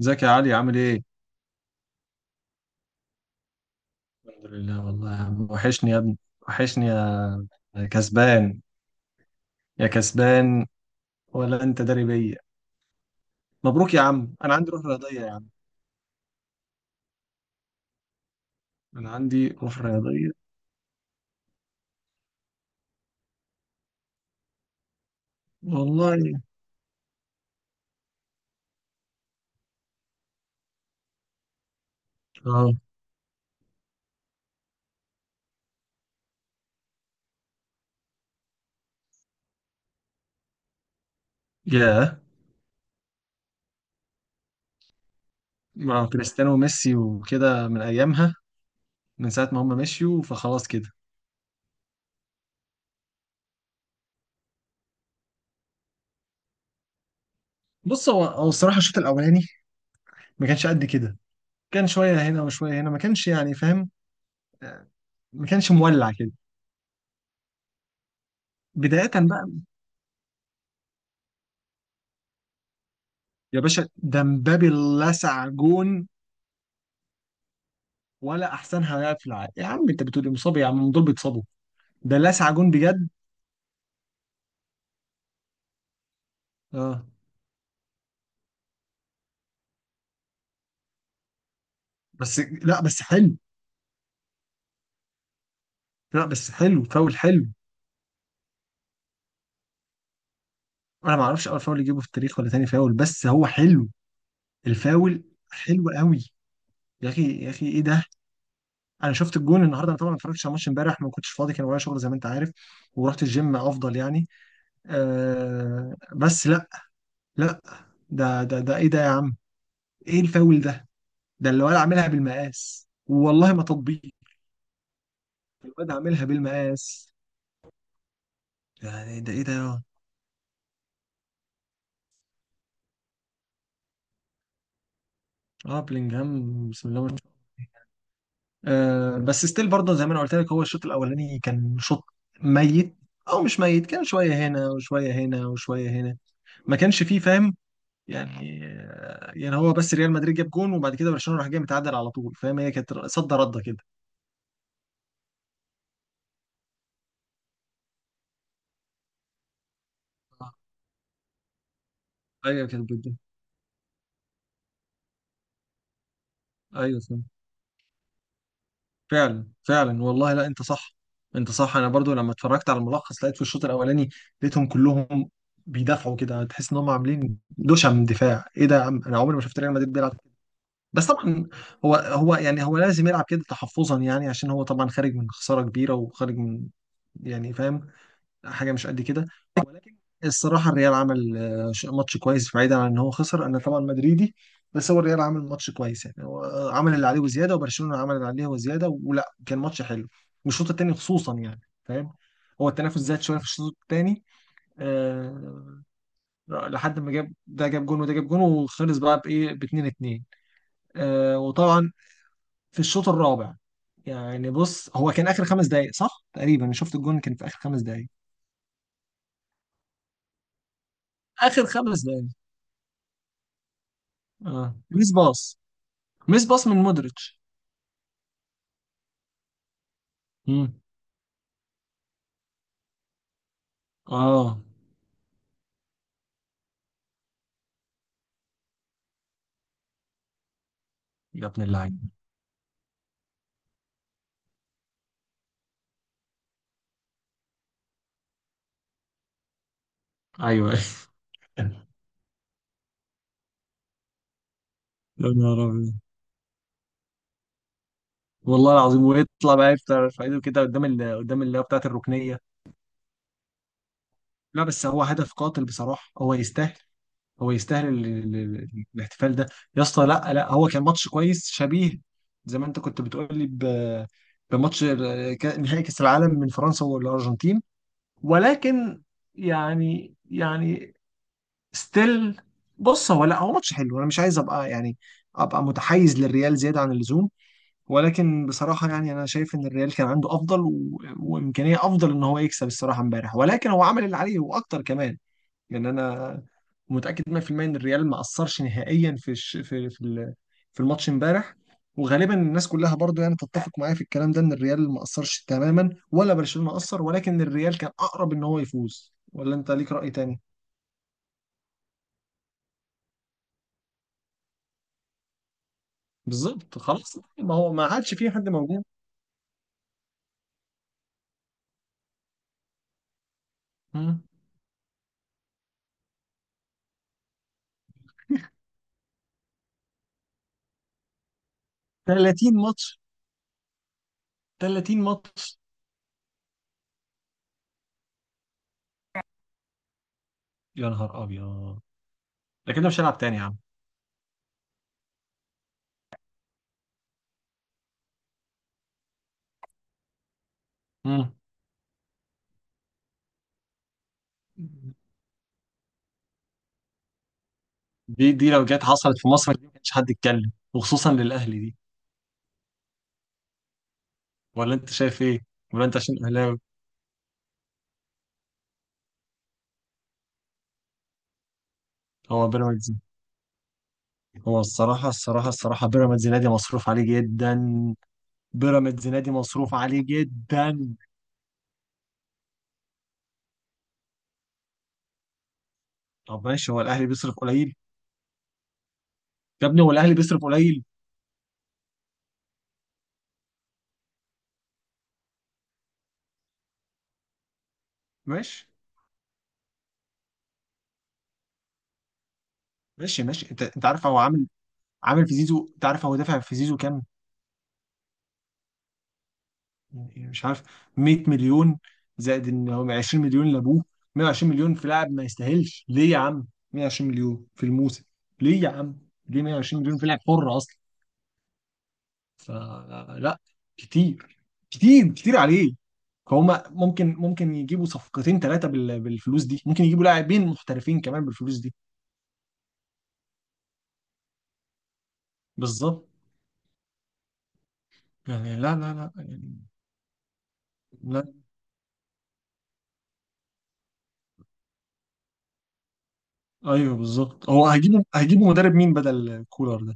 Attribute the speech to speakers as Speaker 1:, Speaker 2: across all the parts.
Speaker 1: ازيك يا علي؟ عامل ايه؟ الحمد لله والله يا عم. وحشني يا ابني، وحشني يا كسبان، يا كسبان. ولا انت داري بيا. مبروك يا عم، انا عندي روح رياضية يا عم. انا عندي روح رياضية. والله. اه. ياه. مع كريستيانو وميسي وكده من ايامها، من ساعة ما هم مشيوا فخلاص كده. بص، هو الصراحة الشوط الاولاني ما كانش قد كده. كان شوية هنا وشوية هنا، ما كانش يعني فاهم. آه، ما كانش مولع كده. بداية بقى يا باشا، ده مبابي لسع جون. ولا احسنها لاعب في العالم؟ يا عم انت بتقول إيه؟ مصاب؟ يا عم دول بيتصابوا. ده لسع جون بجد. اه بس لا، بس حلو. لا بس حلو، فاول حلو. انا ما اعرفش اول فاول يجيبه في التاريخ ولا تاني فاول، بس هو حلو، الفاول. حلو قوي. يا اخي يا اخي ايه ده! انا شفت الجون النهارده. انا طبعا ما اتفرجتش على الماتش امبارح، ما كنتش فاضي، كان ورايا شغل زي ما انت عارف. ورحت الجيم افضل يعني. آه بس لا، لا، ده ايه ده يا عم؟ ايه الفاول ده؟ ده اللي ولا عاملها بالمقاس، والله ما تطبيق. الواد عاملها بالمقاس. يعني ده ايه ده اه بلينجهام، بسم الله ما شاء الله. آه بس ستيل، برضه زي ما انا قلت لك، هو الشوط الاولاني كان شوط ميت. او مش ميت، كان شويه هنا وشويه هنا وشويه هنا، ما كانش فيه فاهم يعني. يعني هو بس ريال مدريد جاب جون وبعد كده برشلونه راح جاي متعادل على طول، فاهم؟ هي كانت صد رده كده. آه. ايوه كانت بجد. ايوه فعلا فعلا، والله لا انت صح. انت صح. انا برضو لما اتفرجت على الملخص لقيت في الشوط الاولاني، لقيتهم كلهم بيدافعوا كده، تحس ان هم عاملين دوشه من دفاع. ايه ده يا عم، انا عمري ما شفت ريال مدريد بيلعب كده. بس طبعا هو يعني هو لازم يلعب كده تحفظا يعني، عشان هو طبعا خارج من خساره كبيره وخارج من، يعني فاهم، حاجه مش قد كده. ولكن الصراحه الريال عمل، ماتش كويس، بعيدا عن ان هو خسر. انا طبعا مدريدي، بس هو الريال عمل ماتش كويس يعني. هو عمل اللي عليه وزياده، وبرشلونه عمل اللي عليه وزياده، ولا كان ماتش حلو. والشوط الثاني خصوصا يعني فاهم، هو التنافس زاد شويه في الشوط الثاني. أه. لحد ما جاب ده جاب جون وده جاب جون، وخلص بقى بايه، ب 2-2. أه وطبعا في الشوط الرابع، يعني بص هو كان اخر 5 دقائق صح تقريبا، شفت الجون كان في اخر 5 دقائق. اخر خمس دقائق. اه ميس باص. ميس باص من مودريتش. مم. اه. يا ابن اللعيبه! ايوه يا نهار ابيض. والله العظيم ويطلع بقى يفطر في ايده كده قدام قدام اللي هو بتاعت الركنيه. لا بس هو هدف قاتل بصراحه، هو يستاهل. هو يستاهل الاحتفال ده. يا اسطى لا لا، هو كان ماتش كويس، شبيه زي ما انت كنت بتقول لي بماتش نهائي كاس العالم من فرنسا والارجنتين. ولكن يعني يعني ستيل، بص هو لا هو ماتش حلو، انا مش عايز ابقى يعني ابقى متحيز للريال زياده عن اللزوم. ولكن بصراحه يعني انا شايف ان الريال كان عنده افضل وامكانيه افضل ان هو يكسب الصراحه امبارح، ولكن هو عمل اللي عليه واكتر كمان. لان انا متاكد 100% ان الريال ما اثرش نهائيا في الش... في في ال- في الماتش امبارح. وغالبا الناس كلها برضو يعني تتفق معايا في الكلام ده، ان الريال ما اثرش تماما ولا برشلونه اثر، ولكن الريال كان اقرب ان هو يفوز. ولا انت ليك راي تاني؟ بالظبط، خلاص ما هو ما عادش في حد موجود. مم. 30 ماتش؟ 30 ماتش؟ يا نهار ابيض، ده كده مش هلعب تاني يا عم. مم. دي دي لو جت حصلت في مصر، دي ما كانش حد يتكلم، وخصوصا للاهلي دي. ولا انت شايف ايه؟ ولا انت عشان اهلاوي؟ هو بيراميدز، هو الصراحه الصراحه الصراحه بيراميدز نادي مصروف عليه جدا. بيراميدز نادي مصروف عليه جدا. طب ماشي، هو الاهلي بيصرف قليل؟ يا ابني هو الاهلي بيصرف قليل؟ ماشي ماشي ماشي. انت انت عارف هو عامل، عامل في زيزو، انت عارف هو دافع في زيزو كام؟ يعني مش عارف، 100 مليون، زائد ان هم 20 مليون لابوه. 120 مليون في لاعب ما يستاهلش، ليه يا عم؟ 120 مليون في الموسم، ليه يا عم؟ ليه 120 مليون في لاعب حر اصلا؟ فلا، كتير كتير كتير عليه. فهم ممكن ممكن يجيبوا صفقتين ثلاثة بالفلوس دي، ممكن يجيبوا لاعبين محترفين كمان بالفلوس دي. بالظبط. يعني لا لا لا يعني. لا. ايوه بالظبط، هو هجيبوا مدرب مين بدل كولر ده؟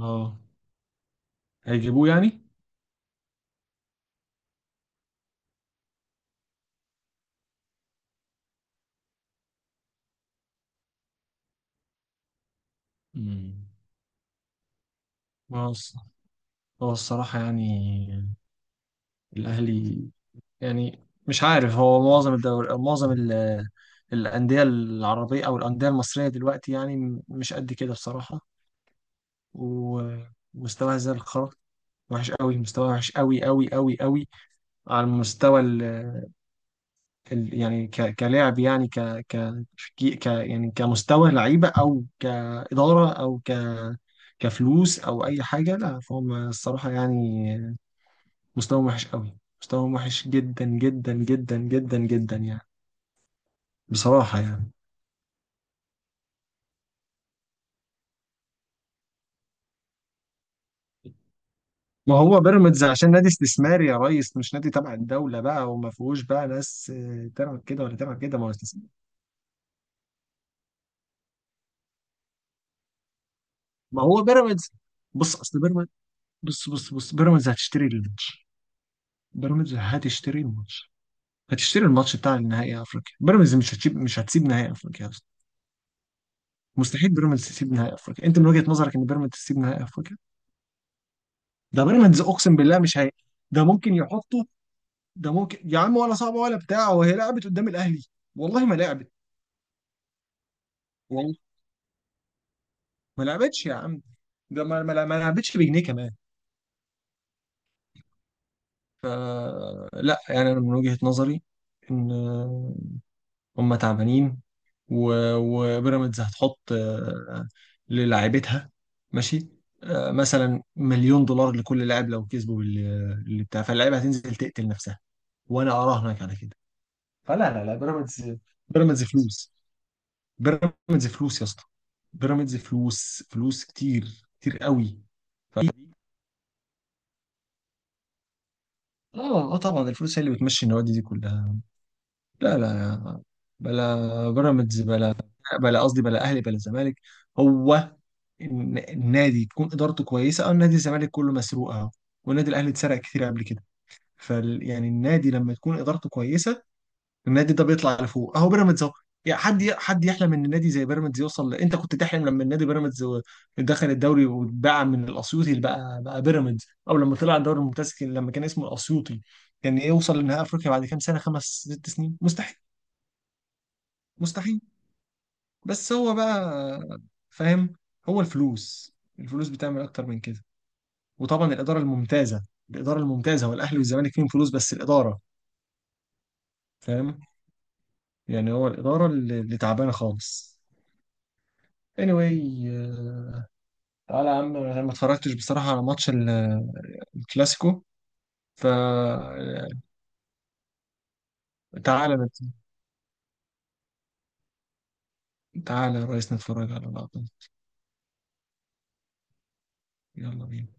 Speaker 1: اه هيجيبوه يعني. مم. هو الص- هو الصراحة يعني الأهلي يعني مش عارف. هو معظم الدوري، معظم الأندية العربية أو الأندية المصرية دلوقتي يعني مش قد كده بصراحة. ومستواها زي الخرا، وحش قوي مستواها، وحش قوي قوي قوي قوي. على المستوى يعني كلاعب، يعني ك ك يعني كمستوى لعيبه، او كاداره، او كفلوس، او اي حاجه، لا فهم الصراحه يعني. مستواهم وحش قوي، مستواهم وحش جدا جدا جدا جدا جدا يعني، بصراحه يعني. ما هو بيراميدز عشان نادي استثماري يا ريس، مش نادي تبع الدوله بقى، وما فيهوش بقى ناس تلعب كده ولا تلعب كده، ما هو استثماري. ما هو بيراميدز. بص اصل بيراميدز، بص بيراميدز هتشتري الماتش، بيراميدز هتشتري الماتش. هتشتري الماتش بتاع النهائي افريقيا، بيراميدز مش هتسيب، مش هتسيب نهائي افريقيا اصلا. مستحيل بيراميدز تسيب نهائي افريقيا. انت من وجهة نظرك ان بيراميدز تسيب نهائي افريقيا؟ ده بيراميدز اقسم بالله مش هي. ده ممكن يحطه. ده ممكن يا عم، ولا صعبه ولا بتاع، وهي لعبت قدام الاهلي؟ والله ما لعبت. والله ما لعبتش يا عم، ده ما لعبتش بجنيه كمان. لا يعني انا من وجهة نظري ان هم تعبانين، وبيراميدز هتحط للاعيبتها، ماشي، مثلا $1 مليون لكل لاعب لو كسبوا اللي بتاع، فاللعيبه هتنزل تقتل نفسها، وانا اراهنك على كده. فلا لا لا، بيراميدز، بيراميدز فلوس. بيراميدز فلوس يا اسطى، بيراميدز فلوس، فلوس كتير كتير قوي. ف... اه اه طبعا الفلوس هي اللي بتمشي النوادي دي كلها. لا لا لا، بلا بيراميدز بلا، بلا قصدي بلا اهلي بلا زمالك. هو النادي تكون ادارته كويسه. او نادي الزمالك كله مسروق اهو، والنادي الاهلي اتسرق كتير قبل كده، فال يعني النادي لما تكون ادارته كويسه، النادي ده بيطلع لفوق اهو، بيراميدز اهو. يعني حد حد يحلم ان النادي زي بيراميدز يوصل انت كنت تحلم لما النادي بيراميدز دخل الدوري واتباع من الاسيوطي، اللي بقى بقى بيراميدز، او لما طلع الدوري الممتاز لما كان اسمه الاسيوطي، كان يوصل لنهائي افريقيا بعد كام سنه، 5 6 سنين، مستحيل. مستحيل. بس هو بقى، فاهم، هو الفلوس، الفلوس بتعمل اكتر من كده. وطبعا الاداره الممتازه. الاداره الممتازه، والاهلي والزمالك فيهم فلوس بس الاداره، فاهم يعني، هو الاداره اللي تعبانه خالص. anyway، تعالى يا عم، انا ما اتفرجتش بصراحه على ماتش الكلاسيكو، فتعالى، تعالى نت- تعالى يا ريس نتفرج على اللقطه دي. يلا بينا.